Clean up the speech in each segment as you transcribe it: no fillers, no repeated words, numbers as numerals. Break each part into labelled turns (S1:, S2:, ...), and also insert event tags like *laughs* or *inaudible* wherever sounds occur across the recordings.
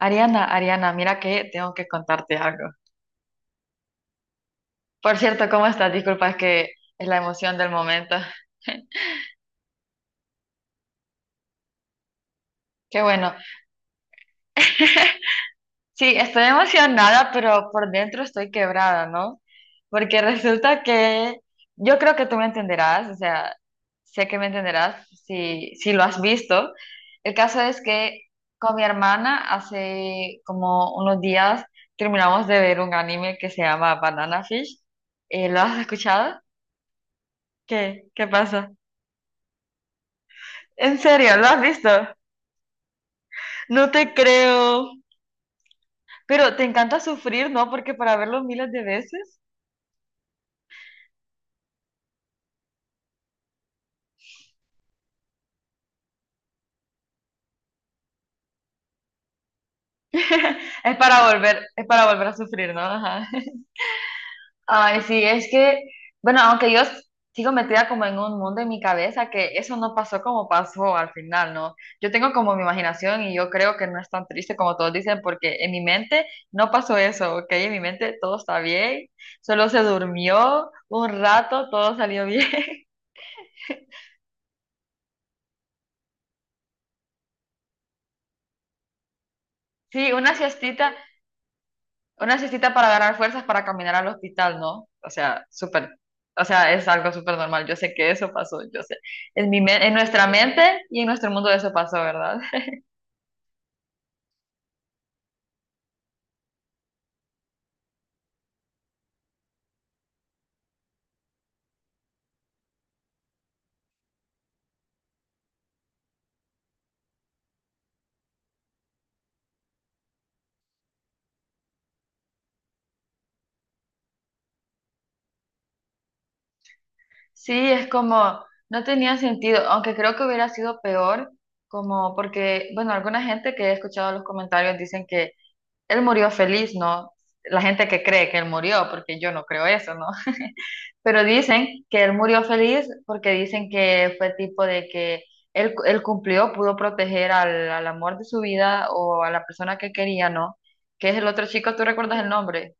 S1: Ariana, Ariana, mira que tengo que contarte algo. Por cierto, ¿cómo estás? Disculpa, es que es la emoción del momento. Qué bueno. Sí, estoy emocionada, pero por dentro estoy quebrada, ¿no? Porque resulta que yo creo que tú me entenderás, o sea, sé que me entenderás si lo has visto. El caso es que con mi hermana hace como unos días terminamos de ver un anime que se llama Banana Fish. ¿Lo has escuchado? ¿Qué? ¿Qué pasa? En serio, ¿lo has visto? No te creo. Pero te encanta sufrir, ¿no? Porque para verlo miles de veces es para volver a sufrir, ¿no? Ajá. Ay, sí, es que, bueno, sigo metida como en un mundo en mi cabeza, que eso no pasó como pasó al final, ¿no? Yo tengo como mi imaginación y yo creo que no es tan triste como todos dicen, porque en mi mente no pasó eso, ¿ok? En mi mente todo está bien, solo se durmió un rato, todo salió bien. *laughs* Sí, una siestita. Una siestita para ganar fuerzas para caminar al hospital, ¿no? O sea, súper, o sea, es algo súper normal. Yo sé que eso pasó, yo sé. En nuestra mente y en nuestro mundo eso pasó, ¿verdad? *laughs* Sí, es como, no tenía sentido, aunque creo que hubiera sido peor, como porque, bueno, alguna gente que he escuchado los comentarios dicen que él murió feliz, ¿no? La gente que cree que él murió, porque yo no creo eso, ¿no? Pero dicen que él murió feliz porque dicen que fue tipo de que él cumplió, pudo proteger al amor de su vida o a la persona que quería, ¿no? Que es el otro chico, ¿tú recuerdas el nombre?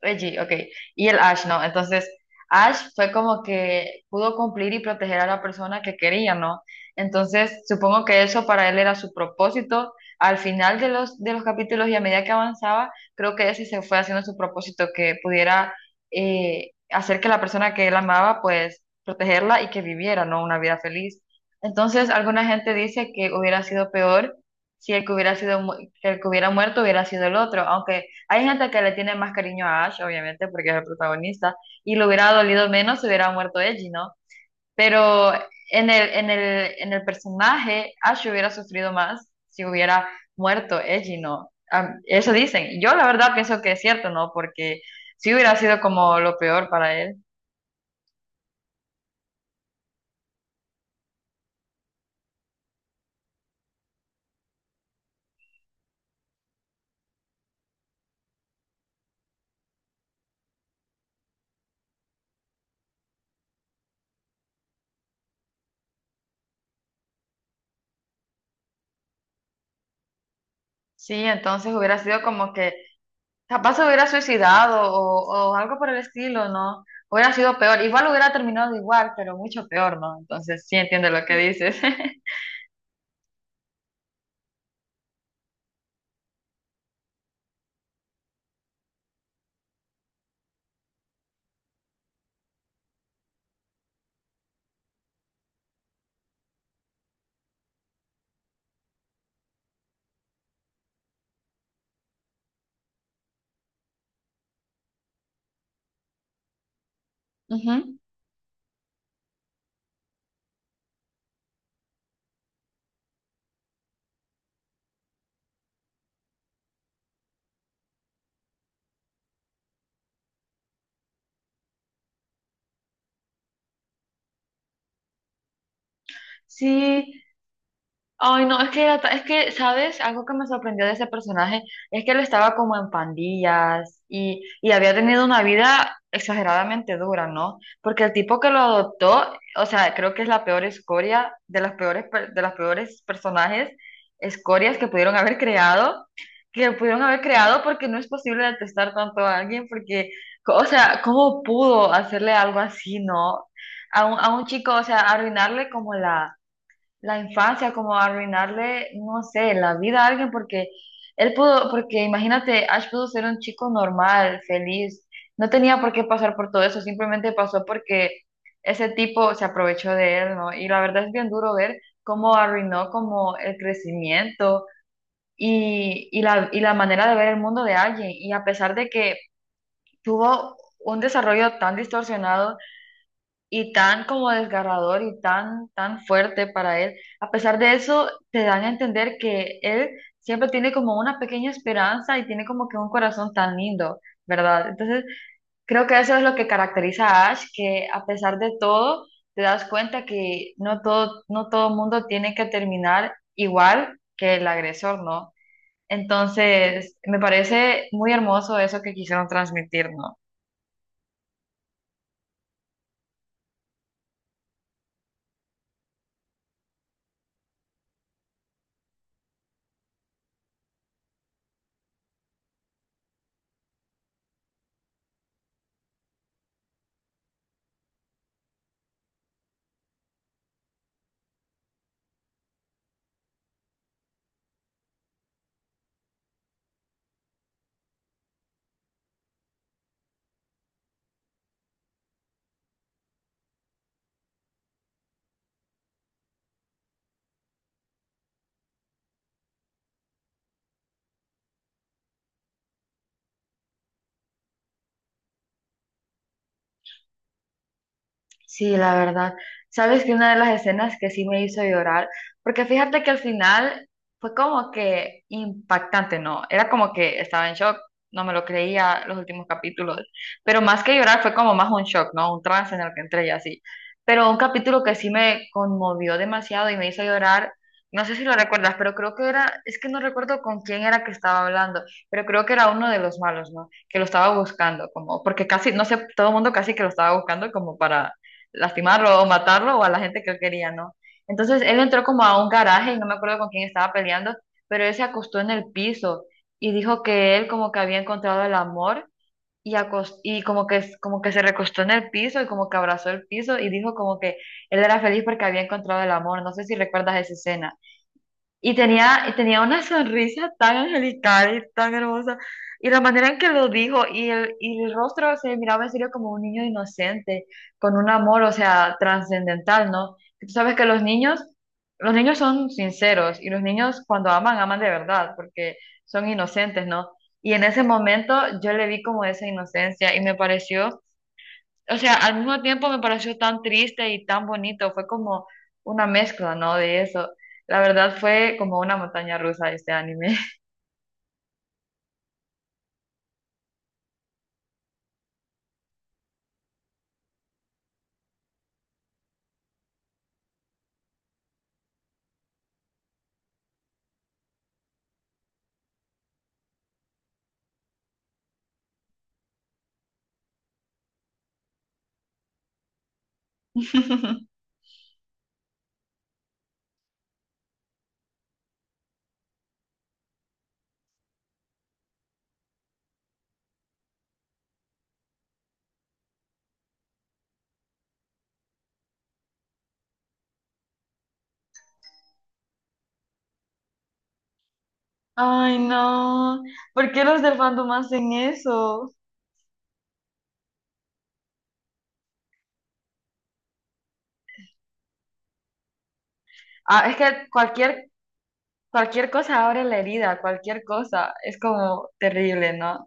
S1: Reggie, ok. Y el Ash, ¿no? Entonces, Ash fue como que pudo cumplir y proteger a la persona que quería, ¿no? Entonces, supongo que eso para él era su propósito. Al final de los capítulos y a medida que avanzaba, creo que ese se fue haciendo su propósito, que pudiera hacer que la persona que él amaba, pues, protegerla y que viviera, ¿no? Una vida feliz. Entonces, alguna gente dice que hubiera sido peor si el que hubiera sido, mu- que el que hubiera muerto hubiera sido el otro, aunque hay gente que le tiene más cariño a Ash, obviamente, porque es el protagonista, y le hubiera dolido menos si hubiera muerto Eiji, ¿no? Pero en el personaje, Ash hubiera sufrido más si hubiera muerto Eiji, ¿no? Eso dicen. Yo la verdad pienso que es cierto, ¿no? Porque sí hubiera sido como lo peor para él. Sí, entonces hubiera sido como que capaz se hubiera suicidado o algo por el estilo, ¿no? Hubiera sido peor. Igual hubiera terminado igual, pero mucho peor, ¿no? Entonces sí entiendo lo que dices. *laughs* Ujú. Sí, ay no, es que, ¿sabes? Algo que me sorprendió de ese personaje es que él estaba como en pandillas y había tenido una vida exageradamente dura, ¿no? Porque el tipo que lo adoptó, o sea, creo que es la peor escoria de de las peores personajes, escorias que pudieron haber creado, que pudieron haber creado porque no es posible detestar tanto a alguien porque, o sea, ¿cómo pudo hacerle algo así, ¿no? A un chico, o sea, arruinarle como la infancia, como arruinarle, no sé, la vida a alguien, porque él pudo, porque imagínate, Ash pudo ser un chico normal, feliz, no tenía por qué pasar por todo eso, simplemente pasó porque ese tipo se aprovechó de él, ¿no? Y la verdad es bien duro ver cómo arruinó como el crecimiento y la manera de ver el mundo de alguien, y a pesar de que tuvo un desarrollo tan distorsionado, y tan como desgarrador y tan, tan fuerte para él. A pesar de eso, te dan a entender que él siempre tiene como una pequeña esperanza y tiene como que un corazón tan lindo, ¿verdad? Entonces, creo que eso es lo que caracteriza a Ash, que a pesar de todo, te das cuenta que no todo, no todo mundo tiene que terminar igual que el agresor, ¿no? Entonces, me parece muy hermoso eso que quisieron transmitir, ¿no? Sí, la verdad. Sabes que una de las escenas que sí me hizo llorar, porque fíjate que al final fue como que impactante, ¿no? Era como que estaba en shock, no me lo creía los últimos capítulos, pero más que llorar fue como más un shock, ¿no? Un trance en el que entré y así. Pero un capítulo que sí me conmovió demasiado y me hizo llorar, no sé si lo recuerdas, pero creo que era, es que no recuerdo con quién era que estaba hablando, pero creo que era uno de los malos, ¿no? Que lo estaba buscando, como, porque casi, no sé, todo el mundo casi que lo estaba buscando como para lastimarlo o matarlo o a la gente que él quería, ¿no? Entonces él entró como a un garaje y no me acuerdo con quién estaba peleando, pero él se acostó en el piso y dijo que él como que había encontrado el amor y como que se recostó en el piso y como que abrazó el piso y dijo como que él era feliz porque había encontrado el amor. No sé si recuerdas esa escena. Y tenía una sonrisa tan angelical y tan hermosa. Y la manera en que lo dijo y el rostro se miraba en serio como un niño inocente, con un amor, o sea, trascendental, ¿no? Tú sabes que los niños son sinceros y los niños cuando aman, aman de verdad, porque son inocentes, ¿no? Y en ese momento yo le vi como esa inocencia y me pareció o sea, al mismo tiempo me pareció tan triste y tan bonito, fue como una mezcla, ¿no? De eso. La verdad fue como una montaña rusa este anime. *laughs* Ay, no. ¿Por qué los del fandom hacen eso? Ah, es que cualquier, cualquier cosa abre la herida, cualquier cosa. Es como terrible, ¿no?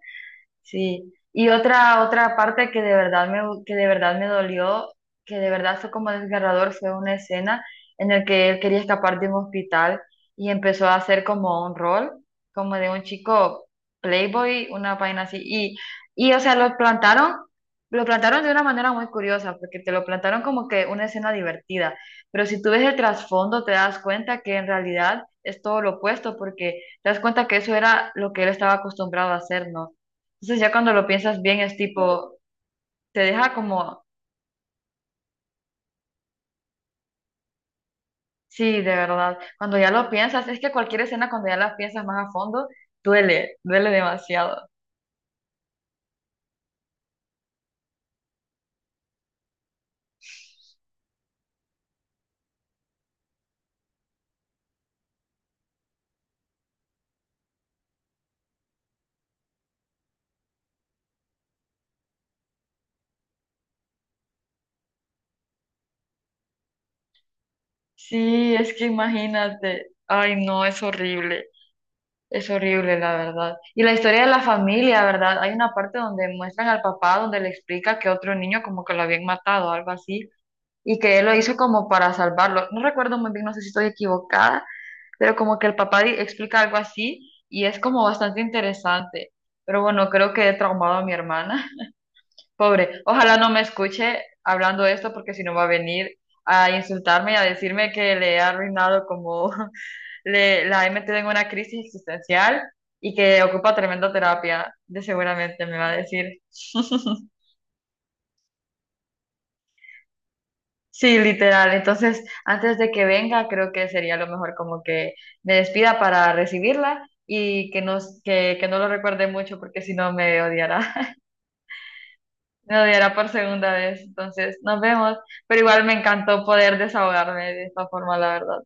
S1: Sí, y otra parte que de verdad me que de verdad me dolió, que de verdad fue como desgarrador, fue una escena en la que él quería escapar de un hospital y empezó a hacer como un rol, como de un chico playboy, una vaina así y o sea, lo plantaron de una manera muy curiosa, porque te lo plantaron como que una escena divertida, pero si tú ves el trasfondo te das cuenta que en realidad es todo lo opuesto, porque te das cuenta que eso era lo que él estaba acostumbrado a hacer, ¿no? Entonces ya cuando lo piensas bien es tipo, te deja como, sí, de verdad, cuando ya lo piensas, es que cualquier escena cuando ya la piensas más a fondo, duele, duele demasiado. Sí, es que imagínate, ay no, es horrible la verdad. Y la historia de la familia, ¿verdad? Hay una parte donde muestran al papá, donde le explica que otro niño como que lo habían matado, algo así, y que él lo hizo como para salvarlo. No recuerdo muy bien, no sé si estoy equivocada pero como que explica algo así y es como bastante interesante. Pero bueno, creo que he traumado a mi hermana. *laughs* Pobre, ojalá no me escuche hablando esto porque si no va a venir a insultarme y a decirme que le he arruinado como *laughs* la he metido en una crisis existencial y que ocupa tremenda terapia, de seguramente me va a decir. *laughs* Sí, literal. Entonces, antes de que venga, creo que sería lo mejor como que me despida para recibirla y que no, que no lo recuerde mucho porque si no me odiará. *laughs* Me odiará por segunda vez. Entonces, nos vemos. Pero igual me encantó poder desahogarme de esta forma, la verdad.